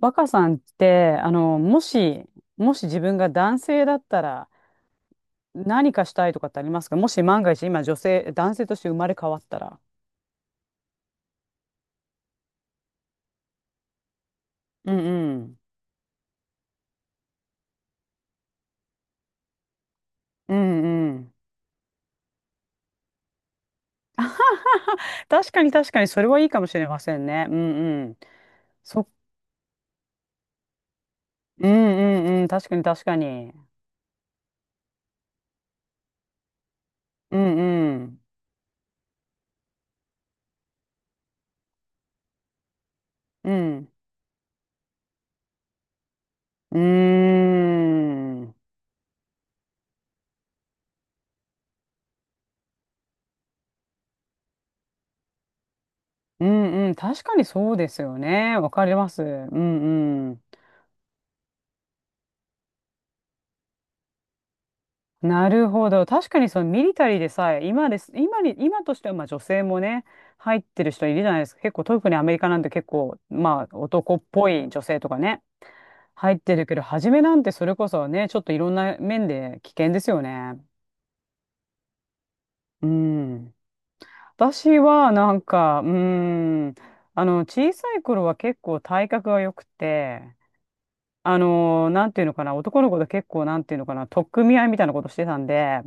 若さんって、もし自分が男性だったら何かしたいとかってありますか？もし万が一今女性、男性として生まれ変わったら。うんうん。うんうん。確かに確かに、それはいいかもしれませんね。うんうん。そ、うんうんうん。確かに確かに。うんうん。うん。うーん。うんうん。確かにそうですよね。わかります。うんうん。なるほど。確かにそのミリタリーでさえ、今です、今に、今としてはまあ女性もね、入ってる人いるじゃないですか。結構、特にアメリカなんて結構、まあ男っぽい女性とかね、入ってるけど、初めなんてそれこそね、ちょっといろんな面で危険ですよね。うん。私はなんか、うん、小さい頃は結構体格が良くて、なんていうのかな、男の子と結構なんていうのかな、取っ組み合いみたいなことしてたんで、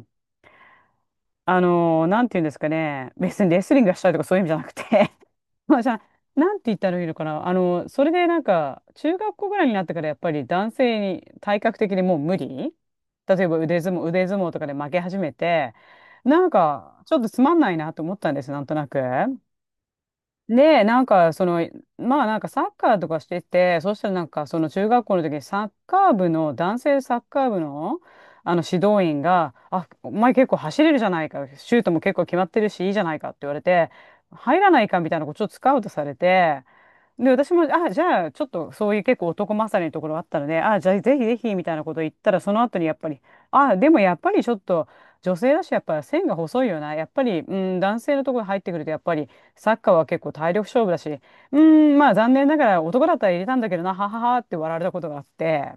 なんて言うんですかね、別にレスリングがしたいとかそういう意味じゃなくて。 まあじゃあ、なんて言ったらいいのかな、それでなんか、中学校ぐらいになってからやっぱり男性に体格的にもう無理。例えば腕相撲とかで負け始めて、なんか、ちょっとつまんないなと思ったんです、なんとなく。で、なんか、まあなんかサッカーとかしてて、そしたらなんかその中学校の時にサッカー部の、男性サッカー部の、あの指導員が、あ、お前結構走れるじゃないか、シュートも結構決まってるし、いいじゃないかって言われて、入らないかみたいなことをスカウトされて、で、私も、あ、じゃあ、ちょっとそういう結構男勝りのところあったので、あ、じゃあ、ぜひぜひ、みたいなこと言ったら、その後にやっぱり、あ、でもやっぱりちょっと、女性だし、やっぱり線が細いよな。やっぱり、うん、男性のところに入ってくると、やっぱり、サッカーは結構体力勝負だし、うん、まあ、残念ながら男だったら入れたんだけどな、はははって笑われたことがあって、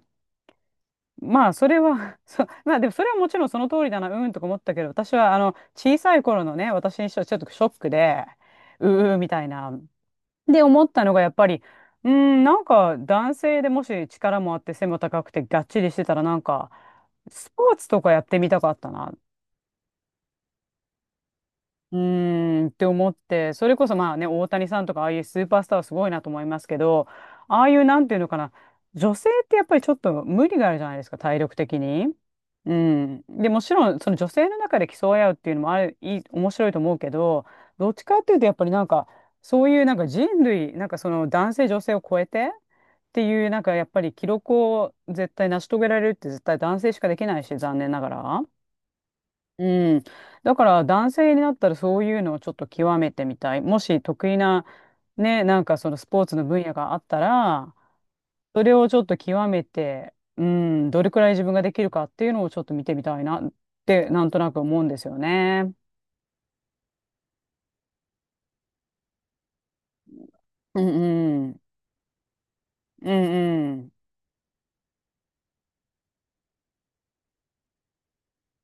まあ、それは そう、まあ、でもそれはもちろんその通りだな、うんとか思ったけど、私は、小さい頃のね、私にしてはちょっとショックで、うーみたいな。で、思ったのがやっぱり、うーん、なんか男性でもし力もあって背も高くてがっちりしてたらなんか、スポーツとかやってみたかったな。うーんって思って、それこそまあね、大谷さんとかああいうスーパースターはすごいなと思いますけど、ああいうなんていうのかな、女性ってやっぱりちょっと無理があるじゃないですか、体力的に。うん。で、もちろんその女性の中で競い合うっていうのもある、いい、面白いと思うけど、どっちかっていうとやっぱりなんか、そういうなんか人類、なんかその男性女性を超えて、っていうなんかやっぱり記録を絶対成し遂げられるって絶対男性しかできないし残念ながら。うん。だから男性になったらそういうのをちょっと極めてみたい。もし得意な、ね、なんかそのスポーツの分野があったら、それをちょっと極めて、うん、どれくらい自分ができるかっていうのをちょっと見てみたいなって、なんとなく思うんですよね。うんうん。うんうん。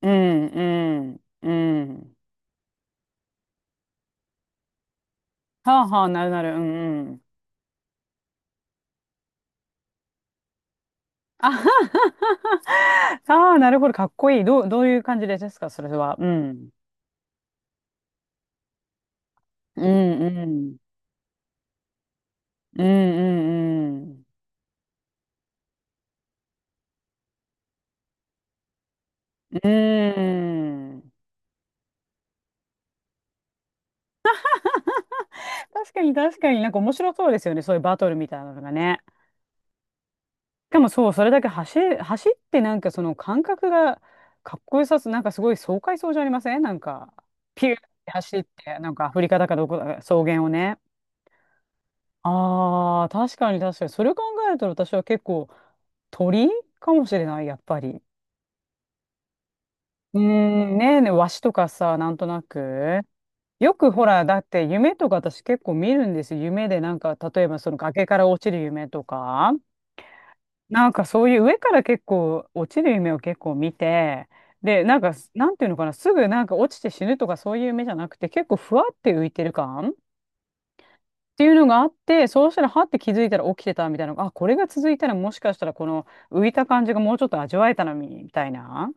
うんうん。うん。はあはあ、なるなる。うんうん。あはははは。ああ、なるほど。かっこいい。どういう感じですか、それは。うん。うんうん。うんうんうん。うん。確かに確かになんか面白そうですよね。そういうバトルみたいなのがね。しかもそう、それだけ走ってなんかその感覚がかっこよさすなんかすごい爽快そうじゃありません？なんか、ピューって走って、なんかアフリカだかどこだか草原をね。ああ、確かに確かに。それを考えると私は結構鳥かもしれない、やっぱり。うーん、ねえねえ、ワシとかさ、なんとなく。よくほら、だって夢とか私結構見るんですよ。夢でなんか、例えばその崖から落ちる夢とか、なんかそういう上から結構落ちる夢を結構見て、で、なんか、なんていうのかな、すぐなんか落ちて死ぬとかそういう夢じゃなくて、結構ふわって浮いてる感っていうのがあって、そうしたらはって気づいたら起きてたみたいな、あ、これが続いたらもしかしたらこの浮いた感じがもうちょっと味わえたのに、みたいな。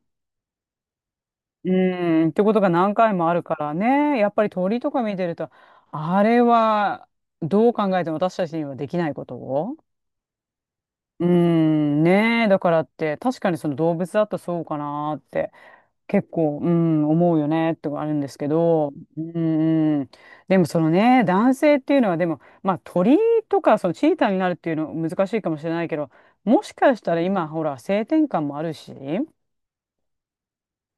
うーん、ってことが何回もあるからね。やっぱり鳥とか見てると、あれはどう考えても私たちにはできないことを。うーん、ねえ、だからって、確かにその動物だとそうかなーって、結構、うん、思うよねってあるんですけど、うん、うん、でもそのね、男性っていうのは、でも、まあ鳥とか、そのチーターになるっていうの難しいかもしれないけど、もしかしたら今、ほら、性転換もあるし、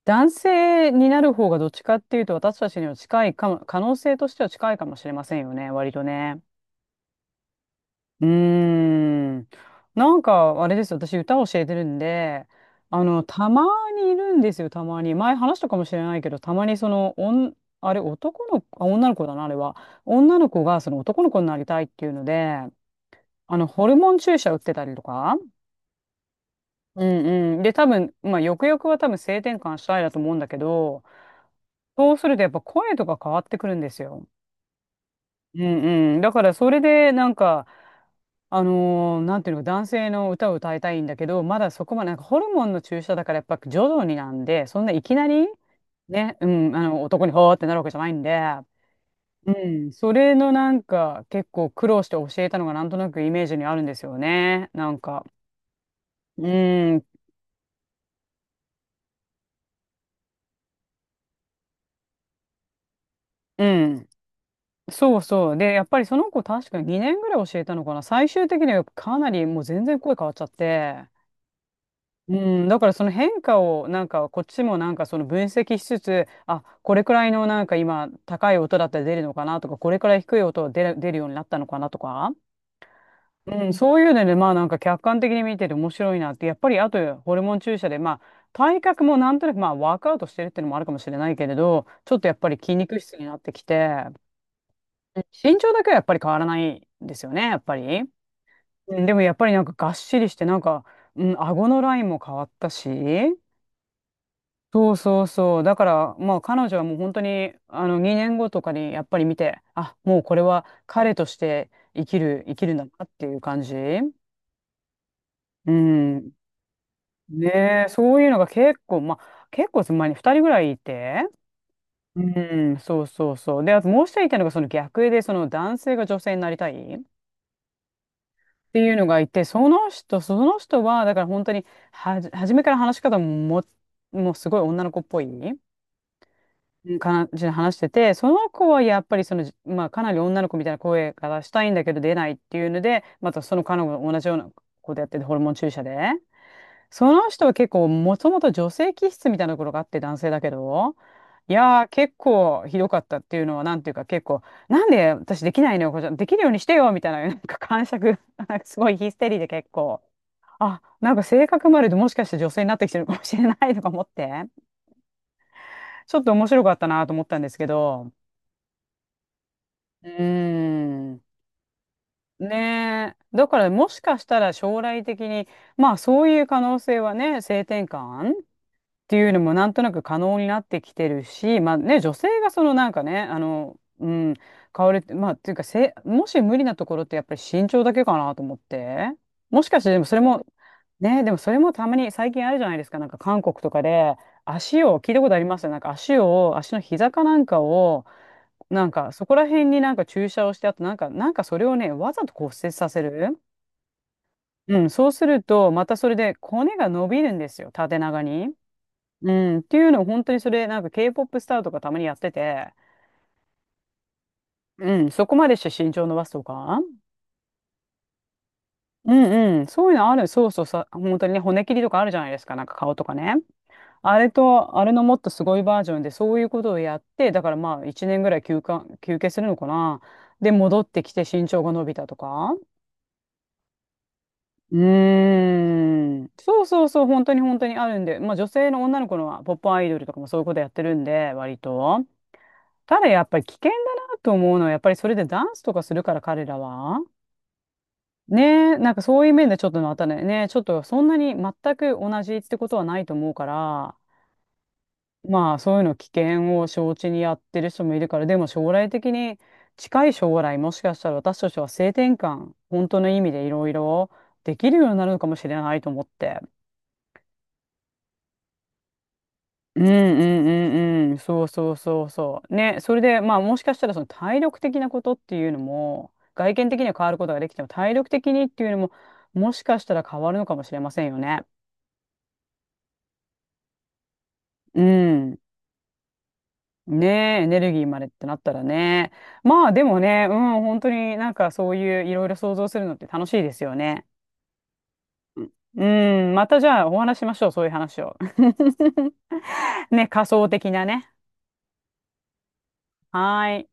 男性になる方がどっちかっていうと私たちには近いかも、可能性としては近いかもしれませんよね、割とね。うーん。なんか、あれですよ、私歌を教えてるんで、たまにいるんですよ、たまに。前話したかもしれないけど、たまにその、あれ、男の子、あ、女の子だな、あれは。女の子がその男の子になりたいっていうので、ホルモン注射打ってたりとか。うんうん。で、多分、まあ、よくよくは多分性転換したいだと思うんだけど、そうするとやっぱ声とか変わってくるんですよ。うんうん。だからそれでなんか、なんていうのか、男性の歌を歌いたいんだけど、まだそこまで、なんかホルモンの注射だからやっぱ徐々になんで、そんないきなり、ね、うん、男にほーってなるわけじゃないんで、うん、それのなんか結構苦労して教えたのがなんとなくイメージにあるんですよね。なんか、うん、うん。そうそう。で、やっぱりその子確かに2年ぐらい教えたのかな。最終的にはかなりもう全然声変わっちゃって、うだからその変化をなんかこっちもなんかその分析しつつ、あ、これくらいのなんか今高い音だったら出るのかなとか、これくらい低い音が出るようになったのかなとか、うん、そういうのでまあなんか客観的に見てて面白いなって。やっぱりあとホルモン注射でまあ体格もなんとなく、まあワークアウトしてるっていうのもあるかもしれないけれど、ちょっとやっぱり筋肉質になってきて、身長だけはやっぱり変わらないんですよね、やっぱり。うん、でもやっぱりなんかがっしりして顎のラインも変わったし。そうそうそう。だから、まあ彼女はもう本当に、2年後とかにやっぱり見て、あ、もうこれは彼として生きるんだなっていう感じ。うん。ねえ、そういうのが結構、まあ結構前に2人ぐらいいて。うん、そうそうそう。で、あともう一人いたのがその逆で、その男性が女性になりたいっていうのがいて、その人は、だから本当に初めから話し方も、もうすごい女の子っぽい。うん、感じで話してて、その子はやっぱりその、まあ、かなり女の子みたいな声がしたいんだけど出ないっていうので、またその彼女も同じようなことやってて、ホルモン注射で。その人は結構、もともと女性気質みたいなところがあって、男性だけど、いやー、結構ひどかったっていうのは、なんていうか、結構、なんで私できないのよ、これできるようにしてよみたいな、なんか感触、なんか すごいヒステリーで結構、あ、なんか性格まででもしかして女性になってきてるかもしれないとか思って、ちょっと面白かったなと思ったんですけど、うーん。ねえ。だからもしかしたら将来的に、まあそういう可能性はね、性転換っていうのもなんとなく可能になってきてるし、まあね、女性がそのなんかね、変わるって、まあっていうかせ、もし無理なところってやっぱり身長だけかなと思って。もしかしてでもそれも、ね、でもそれもたまに最近あるじゃないですか、なんか韓国とかで足を、聞いたことありますよ、なんか足を、足の膝かなんかを、なんか、そこら辺になんか注射をして、あとなんか、なんかそれをね、わざと骨折させる。うん、そうすると、またそれで骨が伸びるんですよ、縦長に。うん、っていうのを本当に、それ、なんか K-POP スターとかたまにやってて、うん、そこまでして身長伸ばすとか。うんうん、そういうのある。そうそう、さ、本当にね、骨切りとかあるじゃないですか、なんか顔とかね。あれと、あれのもっとすごいバージョンで、そういうことをやって、だからまあ、1年ぐらい休憩するのかな。で、戻ってきて身長が伸びたとか。うーん。そうそうそう、本当に本当にあるんで、まあ女性の女の子のはポップアイドルとかもそういうことやってるんで、割と。ただやっぱり危険だなと思うのは、やっぱりそれでダンスとかするから彼らは。ねえ、なんかそういう面でちょっとまたね、ねえちょっとそんなに全く同じってことはないと思うから、まあそういうの危険を承知にやってる人もいるから、でも将来的に近い将来もしかしたら私たちは性転換、本当の意味でいろいろできるようになるのかもしれないと思って。うんうんうんうん。そうそうそうそう。ね。それで、まあもしかしたらその体力的なことっていうのも、外見的には変わることができても、体力的にっていうのも、もしかしたら変わるのかもしれませんよね。うん。ねえ、エネルギーまでってなったらね。まあでもね、うん、本当になんかそういういろいろ想像するのって楽しいですよね。うん、またじゃあお話ししましょう、そういう話を。ね、仮想的なね。はーい。